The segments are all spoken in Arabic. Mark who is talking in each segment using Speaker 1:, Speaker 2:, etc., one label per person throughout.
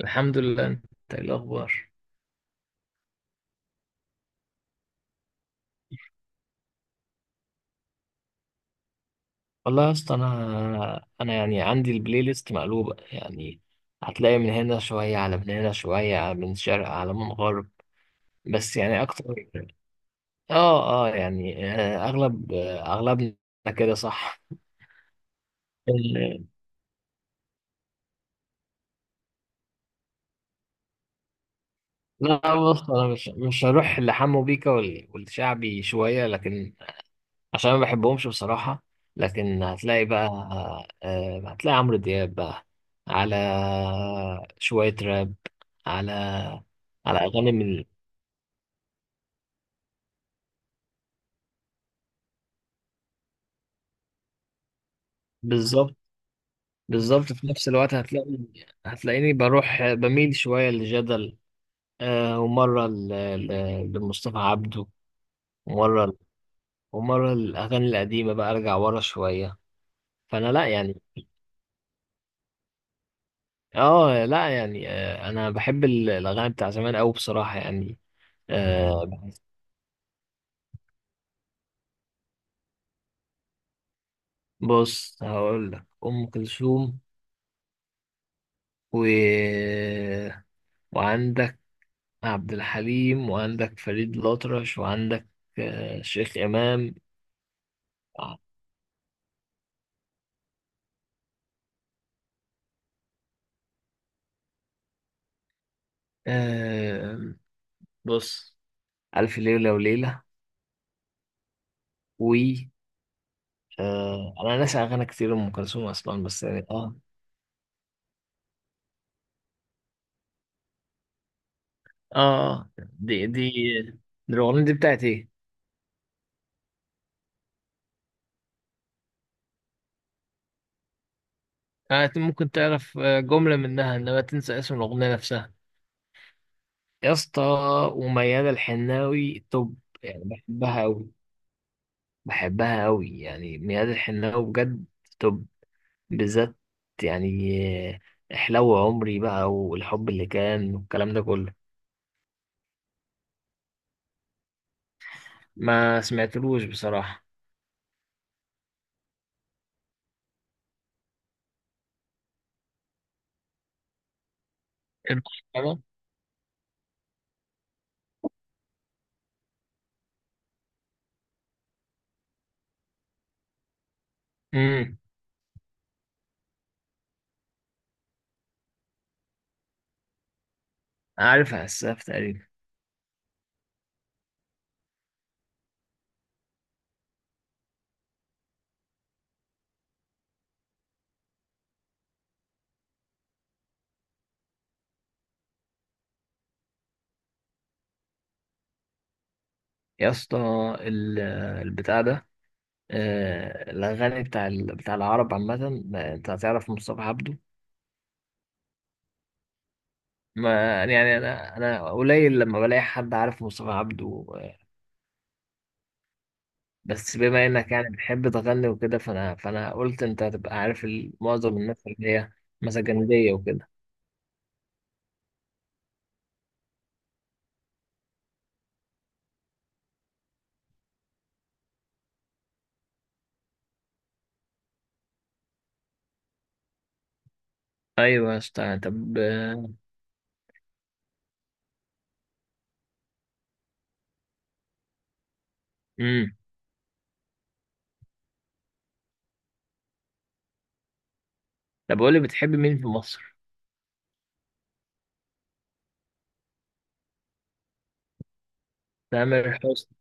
Speaker 1: الحمد لله. انت ايه الاخبار؟ والله يا اسطى، انا يعني عندي البلاي ليست مقلوبه يعني. هتلاقي من هنا شويه، على من هنا شويه، على من شرق، على من غرب. بس يعني اكتر. اه اه يعني، اغلبنا كده صح. ال- لا، بص، انا مش هروح لحمو بيكا والشعبي شويه، لكن عشان ما بحبهمش بصراحة. لكن هتلاقي بقى، هتلاقي عمرو دياب بقى، على شوية راب، على على أغاني من. بالظبط. بالظبط، في نفس الوقت هتلاقي، هتلاقيني بروح بميل شوية لجدل، ومرة لمصطفى عبده. ومرة، الأغاني القديمة بقى، أرجع ورا شوية. فأنا لا يعني، أنا بحب الأغاني بتاع زمان أوي بصراحة يعني. آه، بص، هقول لك ام كلثوم و... وعندك عبد الحليم، وعندك فريد الأطرش، وعندك شيخ امام. آه، بص، الف ليله وليله، و انا ناسي اغاني كتير ام كلثوم اصلا، بس يعني اه. اه، دي. دي الاغنيه دي بتاعت ايه؟ ممكن تعرف جمله منها، انما تنسى اسم الاغنيه نفسها. يا اسطى. وميادة الحناوي توب، يعني بحبها أوي، بحبها قوي يعني. ميادة الحناوي بجد. طب، بالذات يعني، حلو عمري بقى، والحب اللي كان، والكلام ده كله. ما سمعتلوش بصراحة. المحكمة. امم. عارف اسف تقريبا. يا اسطى، ال- البتاع ده، الاغاني بتاع بتاع العرب عامة. ما انت هتعرف مصطفى عبده. ما يعني، انا قليل لما بلاقي حد عارف مصطفى عبده. بس بما انك يعني بتحب تغني وكده، فانا قلت انت هتبقى عارف معظم الناس اللي هي مسجندية وكده. ايوه يا اسطى. طب امم. طب قول لي، بتحب مين في مصر؟ تامر حسني.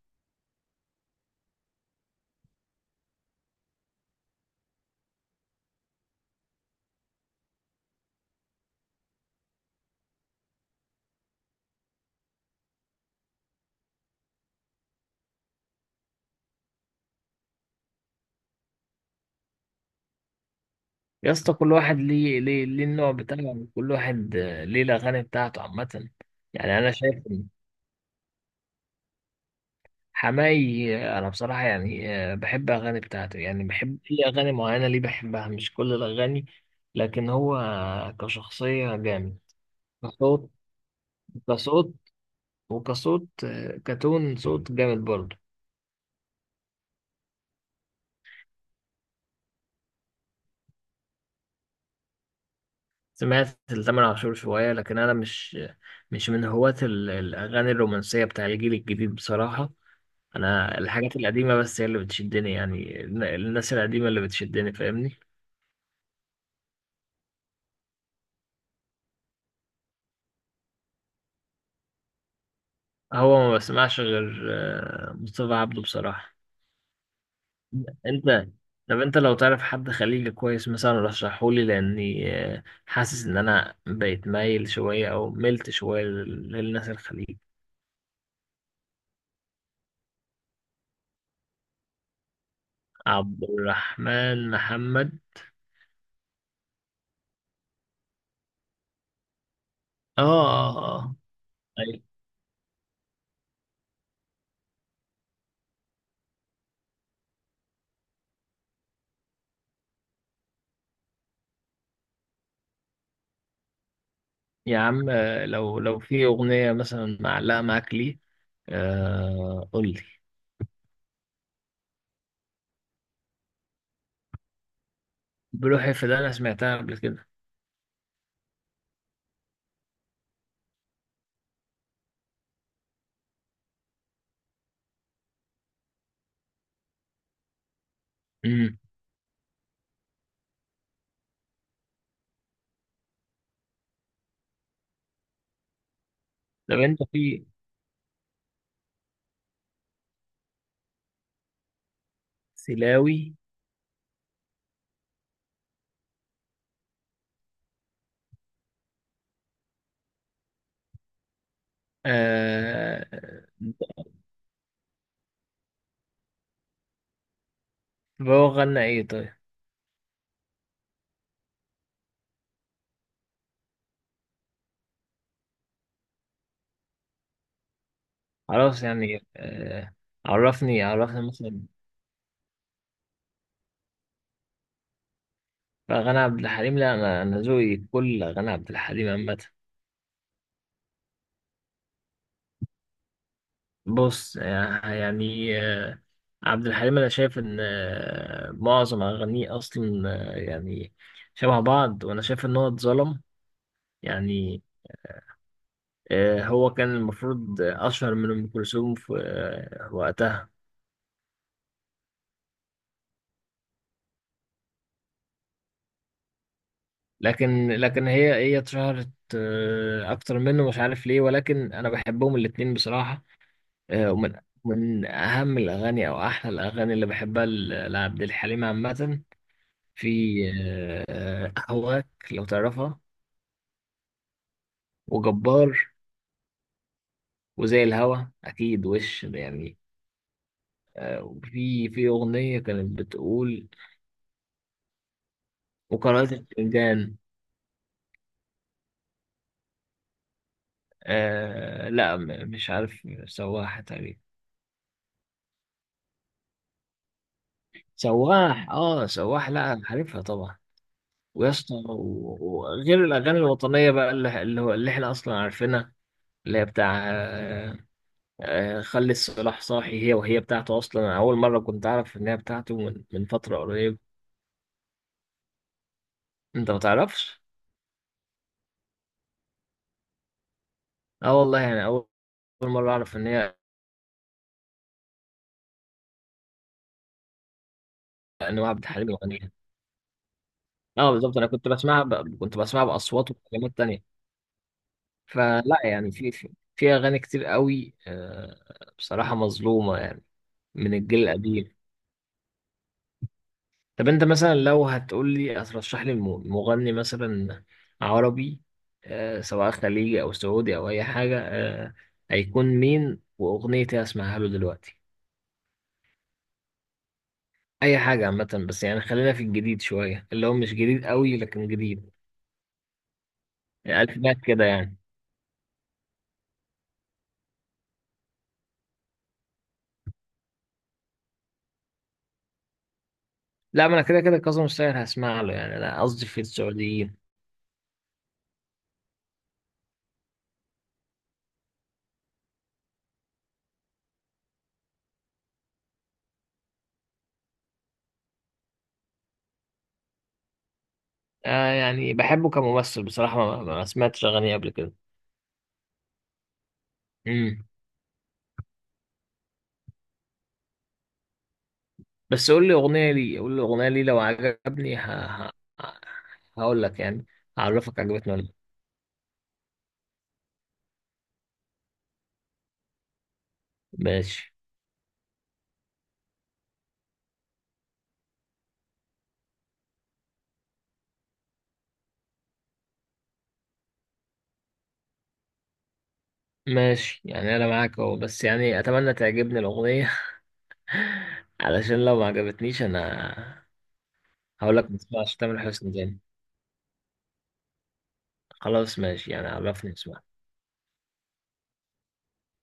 Speaker 1: يا اسطى، كل واحد ليه، ليه، ليه النوع بتاعه، كل واحد ليه الاغاني بتاعته عامة. يعني انا شايف إن حماي، انا بصراحة يعني، بحب اغاني بتاعته، يعني بحب في اغاني معينة ليه، بحبها مش كل الاغاني. لكن هو كشخصية جامد. كصوت، كصوت، وكصوت، كتون صوت جامد برضه. سمعت لتامر عاشور شوية، لكن أنا مش من هواة الأغاني الرومانسية بتاع الجيل الجديد بصراحة. أنا الحاجات القديمة بس هي اللي بتشدني، يعني الناس القديمة اللي بتشدني، فاهمني. هو ما بسمعش غير مصطفى عبده بصراحة. أنت. طب أنت لو تعرف حد خليجي كويس مثلا، رشحهولي، لأني حاسس إن أنا بقيت مايل شوية أو ملت شوية للناس الخليج. عبد الرحمن محمد. اه طيب. يا عم، لو في أغنية مثلا معلقة معاك ليه، آه قول لي. بلوحي، في ده أنا سمعتها قبل كده. امم. طب أنت في. سلاوي. آه. طب هو غنى إيه طيب؟ خلاص يعني آه. عرفني، عرفني مثلا. فغنى عبد الحليم، لا أنا، ذوقي كل غنى عبد الحليم عامة. بص عبد الحليم انا شايف ان معظم اغانيه اصلا يعني شبه بعض، وانا شايف ان هو اتظلم يعني. هو كان المفروض اشهر من ام كلثوم في وقتها. لكن هي هي اتشهرت اكتر منه، مش عارف ليه. ولكن انا بحبهم الاتنين بصراحة. ومن من اهم الاغاني او احلى الاغاني اللي بحبها لعبد الحليم عامة، في آه، اهواك لو تعرفها، وجبار، وزي الهوا. اكيد. وش ده يعني؟ في اغنيه كانت بتقول، وقارئة الفنجان. آه، لا مش عارف. سواح تقريبا. سواح، اه سواح، لا عارفها طبعا. ويا اسطى، وغير الاغاني الوطنيه بقى، اللي هو احنا اصلا عارفينها، اللي هي بتاع آه، خلي الصلاح صاحي، هي وهي بتاعته اصلا. انا اول مره كنت اعرف ان هي بتاعته من فتره قريبه. انت ما تعرفش. اه والله، يعني اول، أول مره اعرف ان هي، ان هو عبد الحليم يغنيها. اه بالظبط. انا كنت بسمعها كنت بسمعها باصوات وكلمات تانية. فلا يعني، في اغاني كتير قوي، بصراحه مظلومه يعني من الجيل القديم. طب انت مثلا لو هتقول لي، هترشح لي مغني مثلا عربي، سواء خليجي او سعودي او اي حاجه، هيكون مين؟ واغنيتي اسمعها له دلوقتي. اي حاجه عامه، بس يعني خلينا في الجديد شويه، اللي هو مش جديد قوي لكن جديد. الفينات كده يعني. لا، ما انا كده كده كاظم الساهر هسمع له، يعني انا قصدي في السعوديين. آه، يعني بحبه كممثل بصراحه. ما سمعتش اغانيه قبل كده. امم. بس قول لي اغنيه لي، قول لي اغنيه لي، لو عجبني ه... هقول لك يعني، هعرفك عجبتني ولا لأ. ماشي. ماشي يعني انا معاك اهو، بس يعني اتمنى تعجبني الاغنيه علشان لو ما عجبتنيش انا هقول لك ما تسمعش تامر حسني تاني. خلاص ماشي يعني، عرفني اسمع.